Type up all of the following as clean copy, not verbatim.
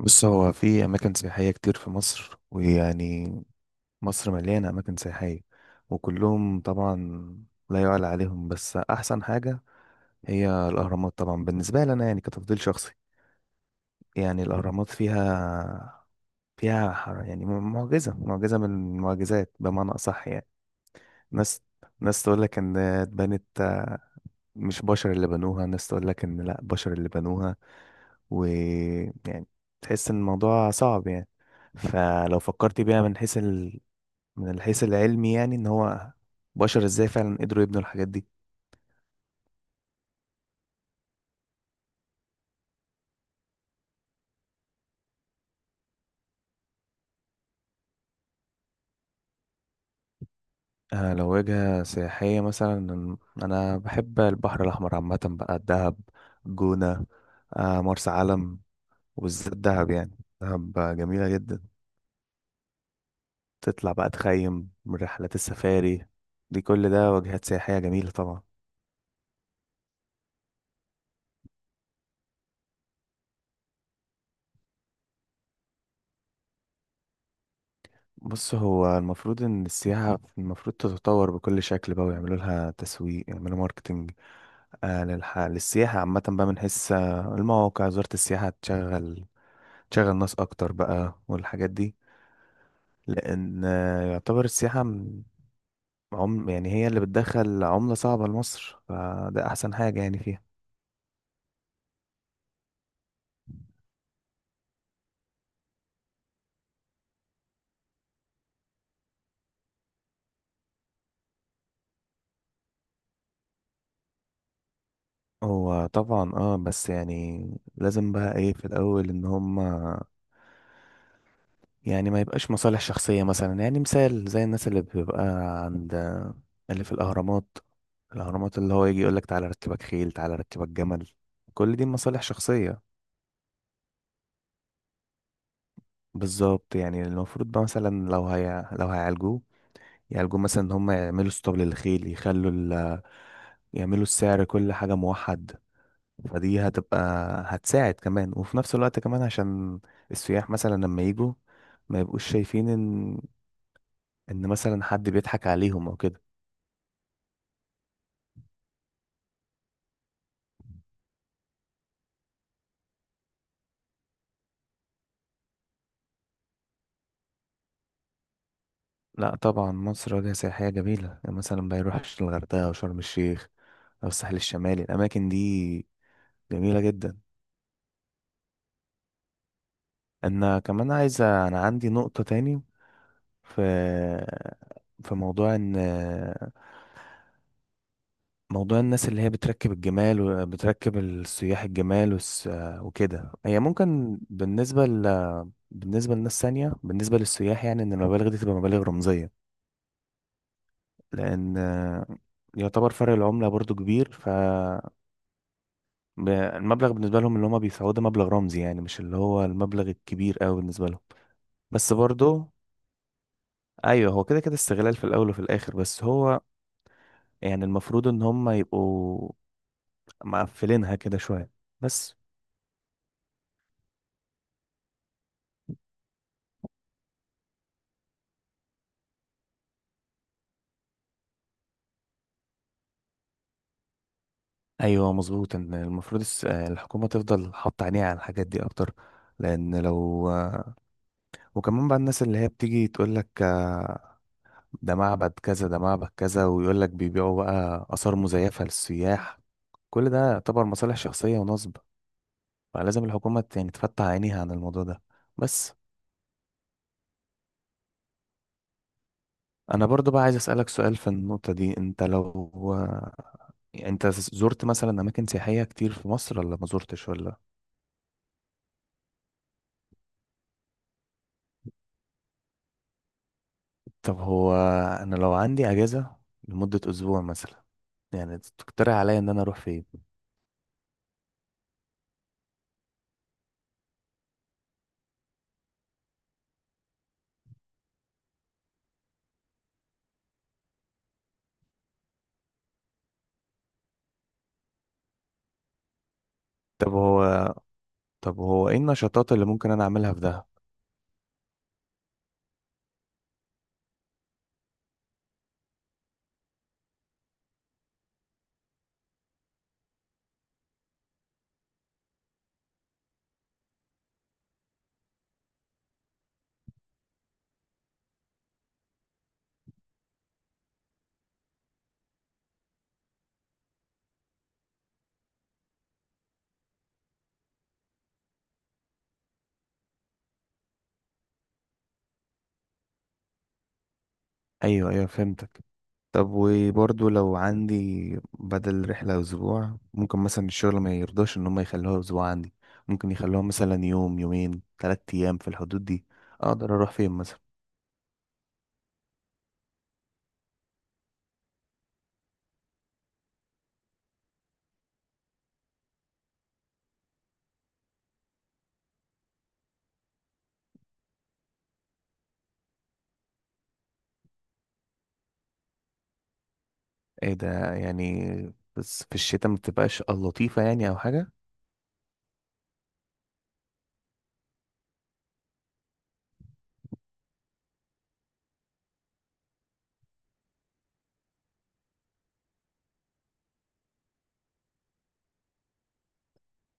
بص، هو في أماكن سياحية كتير في مصر. ويعني مصر مليانة أماكن سياحية، وكلهم طبعا لا يعلى عليهم، بس أحسن حاجة هي الأهرامات طبعا بالنسبة لي أنا يعني كتفضيل شخصي. يعني الأهرامات فيها معجزة من المعجزات بمعنى أصح يعني. ناس ناس تقول لك إن اتبنت مش بشر اللي بنوها، ناس تقول لك إن لأ بشر اللي بنوها. ويعني تحس إن الموضوع صعب يعني. فلو فكرت بيها من حيث من الحيث العلمي، يعني ان هو بشر ازاي فعلا قدروا يبنوا الحاجات دي. آه، لو وجهة سياحية مثلا، انا بحب البحر الاحمر عامة بقى: الدهب، الجونة، آه مرسى علم. وبالذات دهب، يعني دهب جميلة جدا، تطلع بقى تخيم من رحلات السفاري. دي كل ده وجهات سياحية جميلة طبعا. بص، هو المفروض ان السياحة المفروض تتطور بكل شكل بقى، ويعملوا لها تسويق، يعملوا ماركتنج. آه للسياحة عامة بقى، من حيث المواقع، وزارة السياحة تشغل ناس أكتر بقى والحاجات دي. لأن يعتبر السياحة يعني هي اللي بتدخل عملة صعبة لمصر، فده أحسن حاجة يعني فيها. هو طبعا اه، بس يعني لازم بقى ايه في الأول، إن هما يعني ما يبقاش مصالح شخصية. مثلا يعني مثال زي الناس اللي بيبقى عند اللي في الأهرامات، الأهرامات، اللي هو يجي يقولك تعالى أركبك خيل، تعالى أركبك جمل. كل دي مصالح شخصية. بالظبط، يعني المفروض بقى مثلا لو هي لو هيعالجوه، يعالجوه مثلا ان هم يعملوا اسطبل للخيل، يخلوا ال... يعملوا السعر كل حاجة موحد. فدي هتبقى هتساعد كمان، وفي نفس الوقت كمان عشان السياح مثلا لما يجوا ما يبقوش شايفين ان ان مثلا حد بيضحك عليهم او كده. لا طبعا، مصر وجهة سياحية جميلة. يعني مثلا ما يروحش الغردقة او شرم الشيخ او الساحل الشمالي، الاماكن دي جميلة جدا. انا كمان عايزة، انا عندي نقطة تاني في في موضوع ان موضوع الناس اللي هي بتركب الجمال وبتركب السياح الجمال وكده، هي ممكن بالنسبة ل... بالنسبة لناس تانية، بالنسبة للسياح، يعني ان المبالغ دي تبقى مبالغ رمزية. لان يعتبر فرق العملة برضو كبير، فالمبلغ بالنسبة لهم اللي هما بيدفعوه ده مبلغ رمزي، يعني مش اللي هو المبلغ الكبير قوي بالنسبة لهم. بس برضو ايوه، هو كده كده استغلال في الاول وفي الاخر، بس هو يعني المفروض ان هم يبقوا مقفلينها كده شوية بس. ايوه مظبوط، ان المفروض الحكومة تفضل حاطة عينيها على الحاجات دي اكتر. لان لو وكمان بقى الناس اللي هي بتيجي تقول لك ده معبد كذا، ده معبد كذا، ويقول لك بيبيعوا بقى آثار مزيفة للسياح، كل ده يعتبر مصالح شخصية ونصب. فلازم الحكومة يعني تفتح عينيها عن الموضوع ده بس. أنا برضو بقى عايز أسألك سؤال في النقطة دي، أنت لو يعني أنت زرت مثلا أماكن سياحية كتير في مصر ولا ما زرتش ولا؟ طب هو انا لو عندي اجازه لمده اسبوع مثلا، يعني تقترح عليا ان انا اروح فين؟ طب هو طب هو ايه النشاطات اللي ممكن انا اعملها في دهب؟ ايوه ايوه، فهمتك. طب وبرضه لو عندي بدل رحله اسبوع، ممكن مثلا الشغل ما يرضاش ان هم يخلوها اسبوع عندي، ممكن يخلوها مثلا يوم، يومين، ثلاث ايام في الحدود دي، اقدر اروح فين مثلا؟ ايه ده؟ يعني بس في الشتاء ما بتبقاش لطيفه يعني او حاجه؟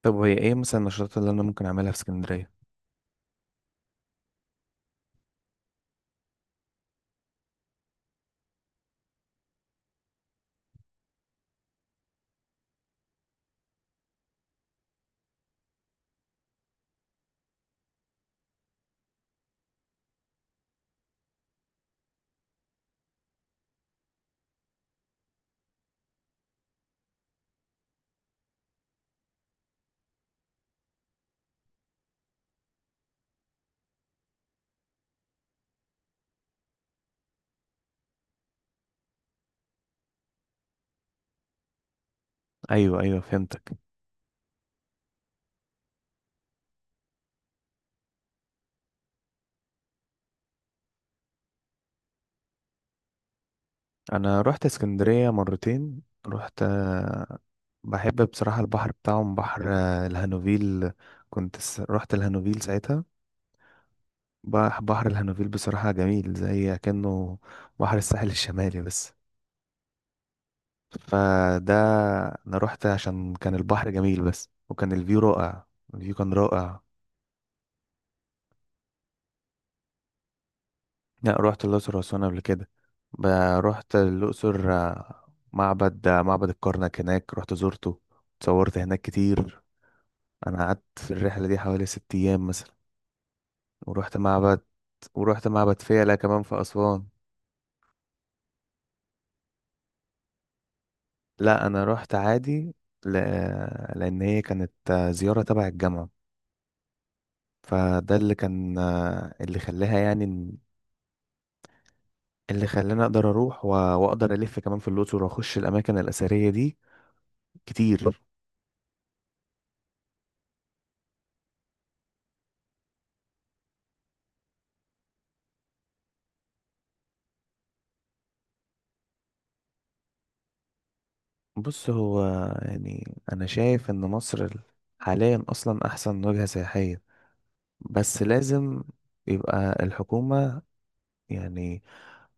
طب وهي ايه مثلا النشاطات اللي انا ممكن اعملها في اسكندريه؟ ايوه ايوه، فهمتك. انا رحت اسكندريه مرتين. رحت بحب بصراحه البحر بتاعهم، بحر الهانوفيل. رحت الهانوفيل ساعتها. بحر الهانوفيل بصراحه جميل، زي كأنه بحر الساحل الشمالي بس. فده، انا رحت عشان كان البحر جميل بس، وكان الفيو رائع، الفيو كان رائع. لا رحت الأقصر وأسوان قبل كده. ب- رحت الأقصر، معبد معبد الكرنك هناك رحت زرته، اتصورت هناك كتير. أنا قعدت في الرحلة دي حوالي 6 أيام مثلا. ورحت معبد ورحت معبد فيلة كمان في أسوان. لا أنا رحت عادي، ل... لأن هي كانت زيارة تبع الجامعة. فده اللي كان اللي خلاها يعني إن- اللي خلاني أقدر أروح وأقدر ألف كمان في الأقصر وأخش الأماكن الأثرية دي كتير. بص هو، يعني انا شايف ان مصر حاليا اصلا احسن وجهة سياحية، بس لازم يبقى الحكومة يعني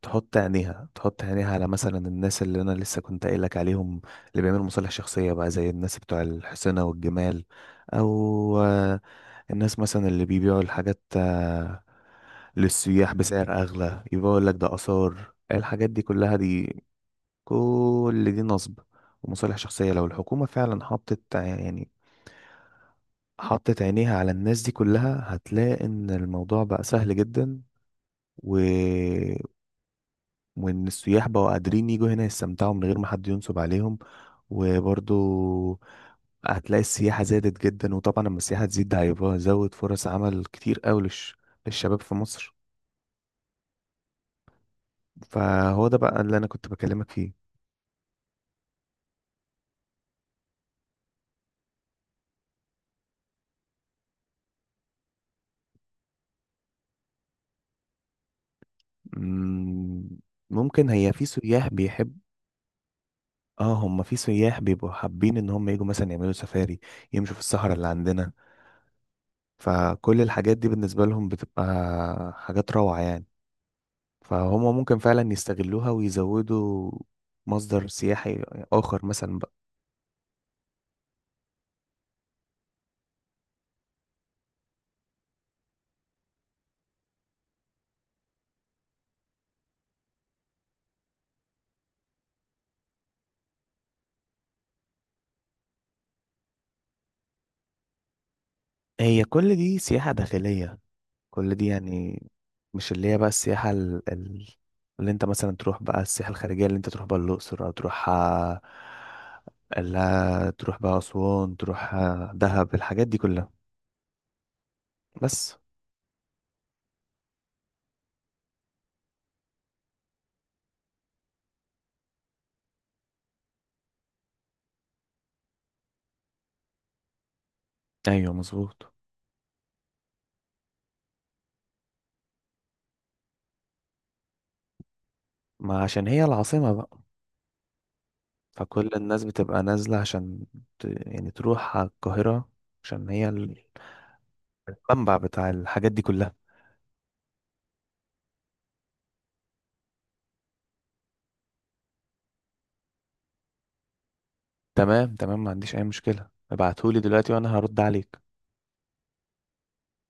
تحط عينيها على مثلا الناس اللي انا لسه كنت قايل لك عليهم، اللي بيعملوا مصالح شخصية بقى زي الناس بتوع الحسنة والجمال. او الناس مثلا اللي بيبيعوا الحاجات للسياح بسعر اغلى، يبقى يقول لك ده آثار، الحاجات دي كلها دي كل دي نصب ومصالح شخصية. لو الحكومة فعلا حطت ع- يعني حطت عينيها على الناس دي كلها، هتلاقي ان الموضوع بقى سهل جدا، و... وان السياح بقوا قادرين يجوا هنا يستمتعوا من غير ما حد ينصب عليهم. وبرضو هتلاقي السياحة زادت جدا، وطبعا لما السياحة تزيد ده هيبقى زود فرص عمل كتير قوي للشباب في مصر. فهو ده بقى اللي انا كنت بكلمك فيه. مم، ممكن. هي في سياح بيحبوا، اه هم في سياح بيبقوا حابين ان هم يجوا مثلا يعملوا سفاري، يمشوا في الصحراء اللي عندنا. فكل الحاجات دي بالنسبة لهم بتبقى حاجات روعة يعني، فهم ممكن فعلا يستغلوها ويزودوا مصدر سياحي آخر مثلا بقى. هي كل دي سياحة داخلية، كل دي يعني مش اللي هي بقى السياحة ال... ال... اللي انت مثلا تروح بقى السياحة الخارجية، اللي انت تروح بقى الأقصر، أو تروح آه، لا تروح بقى أسوان، تروح دهب، الحاجات دي كلها بس. ايوه مظبوط، ما عشان هي العاصمة بقى، فكل الناس بتبقى نازلة عشان يعني تروح على القاهرة، عشان هي المنبع بتاع الحاجات دي كلها. تمام تمام، ما عنديش اي مشكلة، ابعتهولي دلوقتي وانا هرد عليك.